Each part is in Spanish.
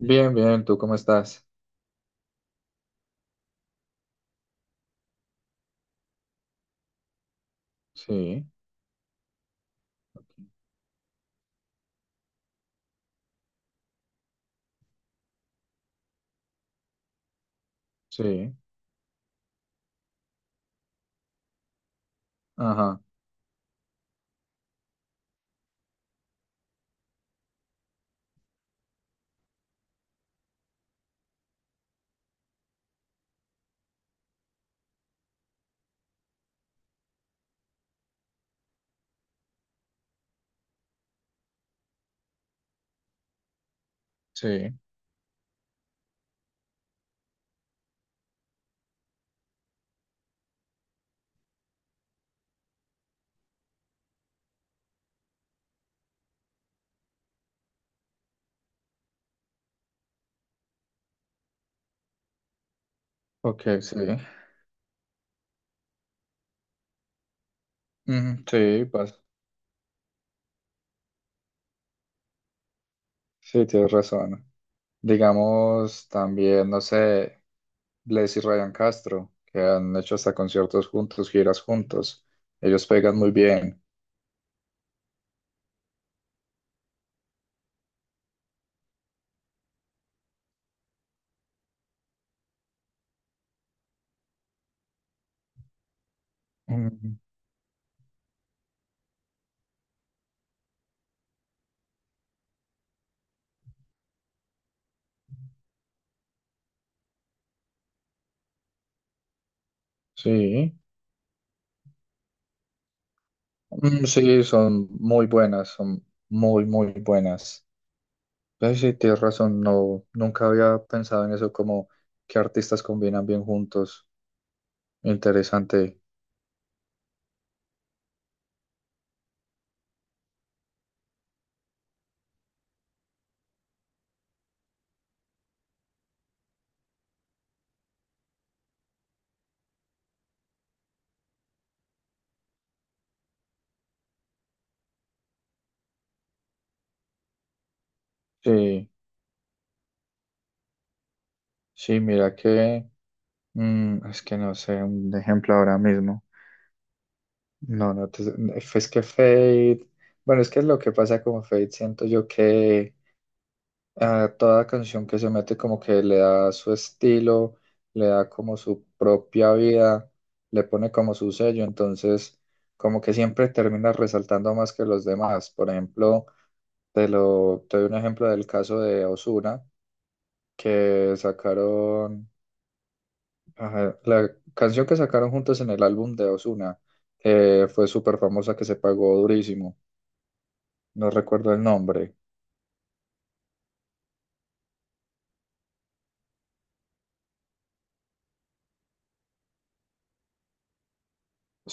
Bien, bien, ¿tú cómo estás? Sí, sí, ajá, sí, ok, sí. Ujú, sí, pues, sí, tienes razón. Digamos, también, no sé, Bless y Ryan Castro, que han hecho hasta conciertos juntos, giras juntos. Ellos pegan muy bien. Mm, sí. Mm, sí, son muy buenas, son muy, muy buenas. Pues sí, tienes razón, nunca había pensado en eso, como qué artistas combinan bien juntos. Interesante. Sí, sí, mira que es que no sé un ejemplo ahora mismo. No, no, te- Es que Fade, bueno, es que es lo que pasa con Fade, siento yo que a toda canción que se mete como que le da su estilo, le da como su propia vida, le pone como su sello, entonces como que siempre termina resaltando más que los demás. Por ejemplo, te doy un ejemplo del caso de Ozuna, que sacaron, ajá, la canción que sacaron juntos en el álbum de Ozuna, que fue súper famosa, que se pagó durísimo, no recuerdo el nombre.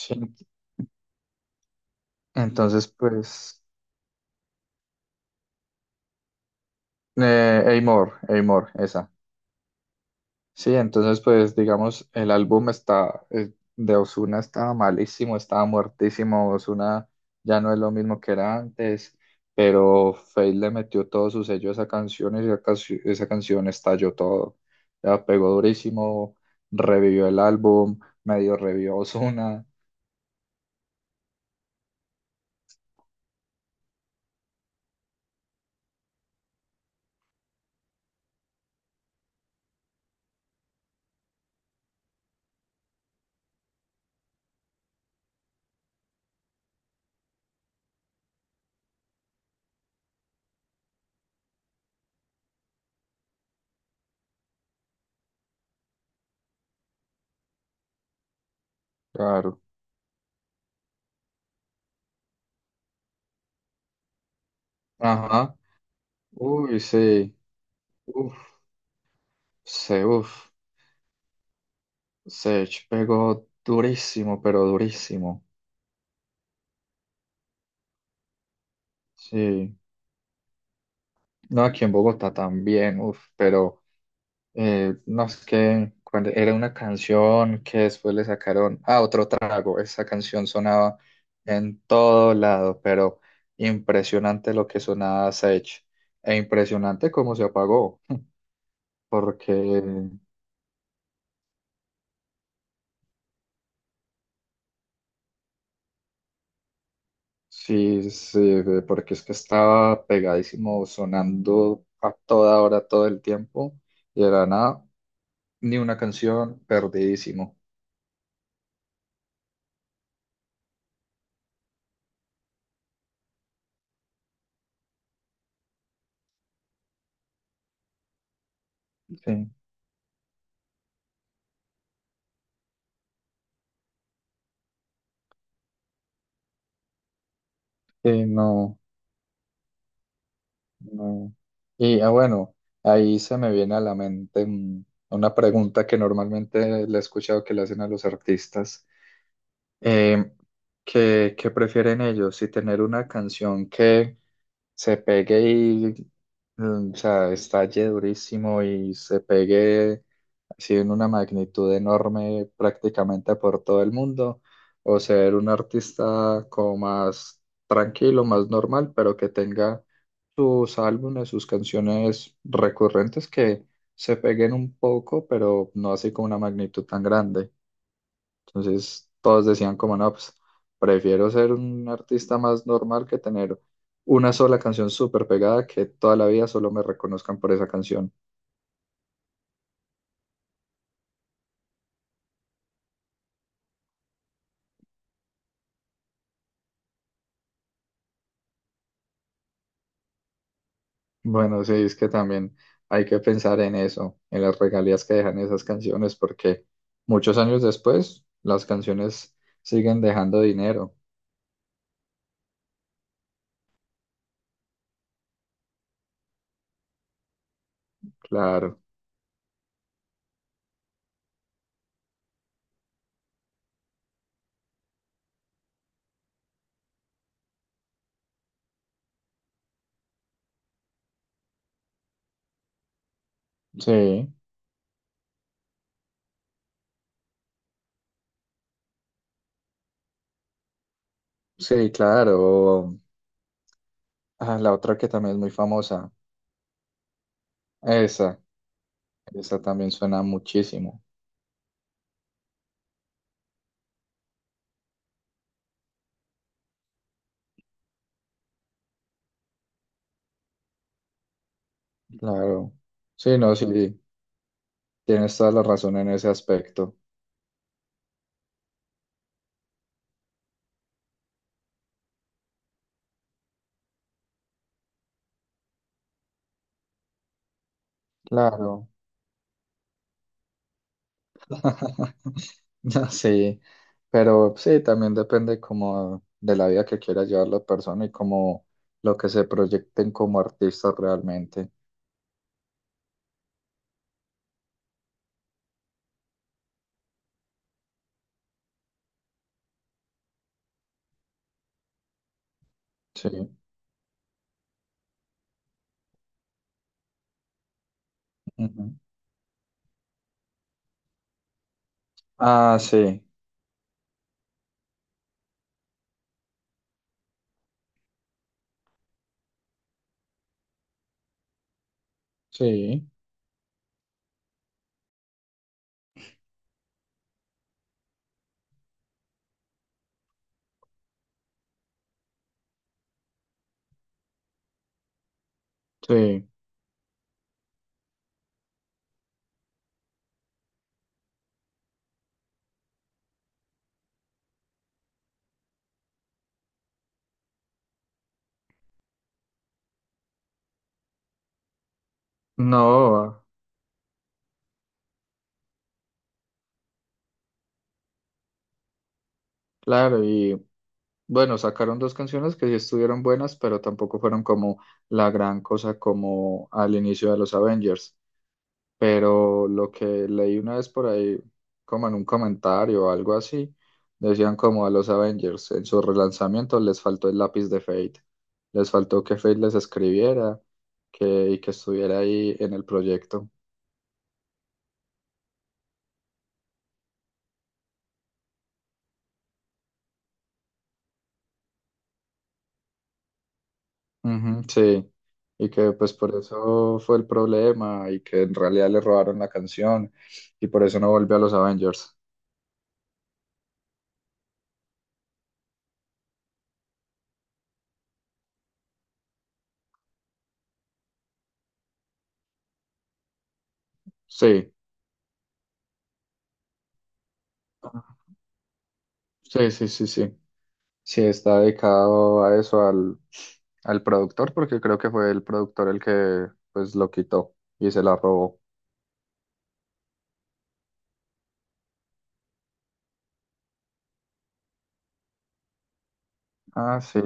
Sí. Entonces, pues, Amor, Amor, esa. Sí, entonces pues digamos, el álbum está, de Ozuna estaba malísimo, estaba muertísimo. Ozuna ya no es lo mismo que era antes, pero Feid le metió todo su sello a esa canción y esa canción estalló todo, ya pegó durísimo, revivió el álbum, medio revivió a Ozuna, claro, ajá, uy, sí, uff, se, uff, Sech pegó durísimo, pero durísimo, sí. No, aquí en Bogotá también, uf, pero no, es que cuando era una canción que después le sacaron, ah, otro trago, esa canción sonaba en todo lado, pero impresionante lo que sonaba Sech e impresionante cómo se apagó, porque sí, sí, porque es que estaba pegadísimo sonando a toda hora, todo el tiempo, y era nada, ni una canción, perdidísimo. Sí, sí, no. No. Y ah, bueno, ahí se me viene a la mente, una pregunta que normalmente le he escuchado que le hacen a los artistas. Eh, ¿qué, qué prefieren ellos? Si tener una canción que se pegue y, mm, o sea, estalle durísimo y se pegue, sí, en una magnitud enorme prácticamente por todo el mundo, o ser un artista como más tranquilo, más normal, pero que tenga sus álbumes, sus canciones recurrentes que se peguen un poco, pero no así con una magnitud tan grande. Entonces todos decían como, no, pues prefiero ser un artista más normal que tener una sola canción súper pegada que toda la vida solo me reconozcan por esa canción. Bueno, sí, es que también hay que pensar en eso, en las regalías que dejan esas canciones, porque muchos años después las canciones siguen dejando dinero. Claro, sí, sí, claro. Ah, la otra que también es muy famosa, esa, esa también suena muchísimo. Claro, sí, no, sí, tienes toda la razón en ese aspecto. Claro. Ya, sí, pero sí, también depende como de la vida que quiera llevar la persona y como lo que se proyecten como artistas realmente. Sí. Ujú. Ah, sí, sí, sí. No, claro, y bueno, sacaron dos canciones que sí estuvieron buenas, pero tampoco fueron como la gran cosa como al inicio de los Avengers. Pero lo que leí una vez por ahí, como en un comentario o algo así, decían como a los Avengers, en sus relanzamientos les faltó el lápiz de Fate, les faltó que Fate les escribiera, y que estuviera ahí en el proyecto. Ujú, sí, y que pues por eso fue el problema y que en realidad le robaron la canción y por eso no volvió a los Avengers. Sí, sí, sí, sí, sí. Sí, está dedicado a eso, al productor, porque creo que fue el productor el que pues lo quitó y se la robó. Ah, sí,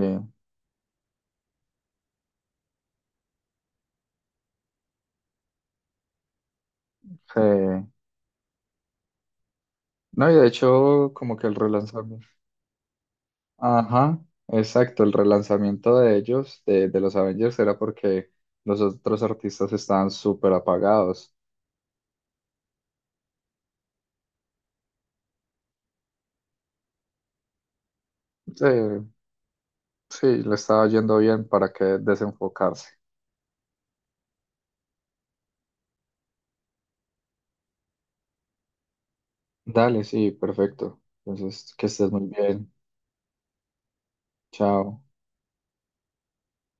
sí. No, y de hecho, como que el relanzamiento. Ajá, exacto, el relanzamiento de ellos, de los Avengers, era porque los otros artistas estaban súper apagados. Sí, sí, le estaba yendo bien para que desenfocarse. Dale, sí, perfecto. Entonces, que estés muy bien. Chao.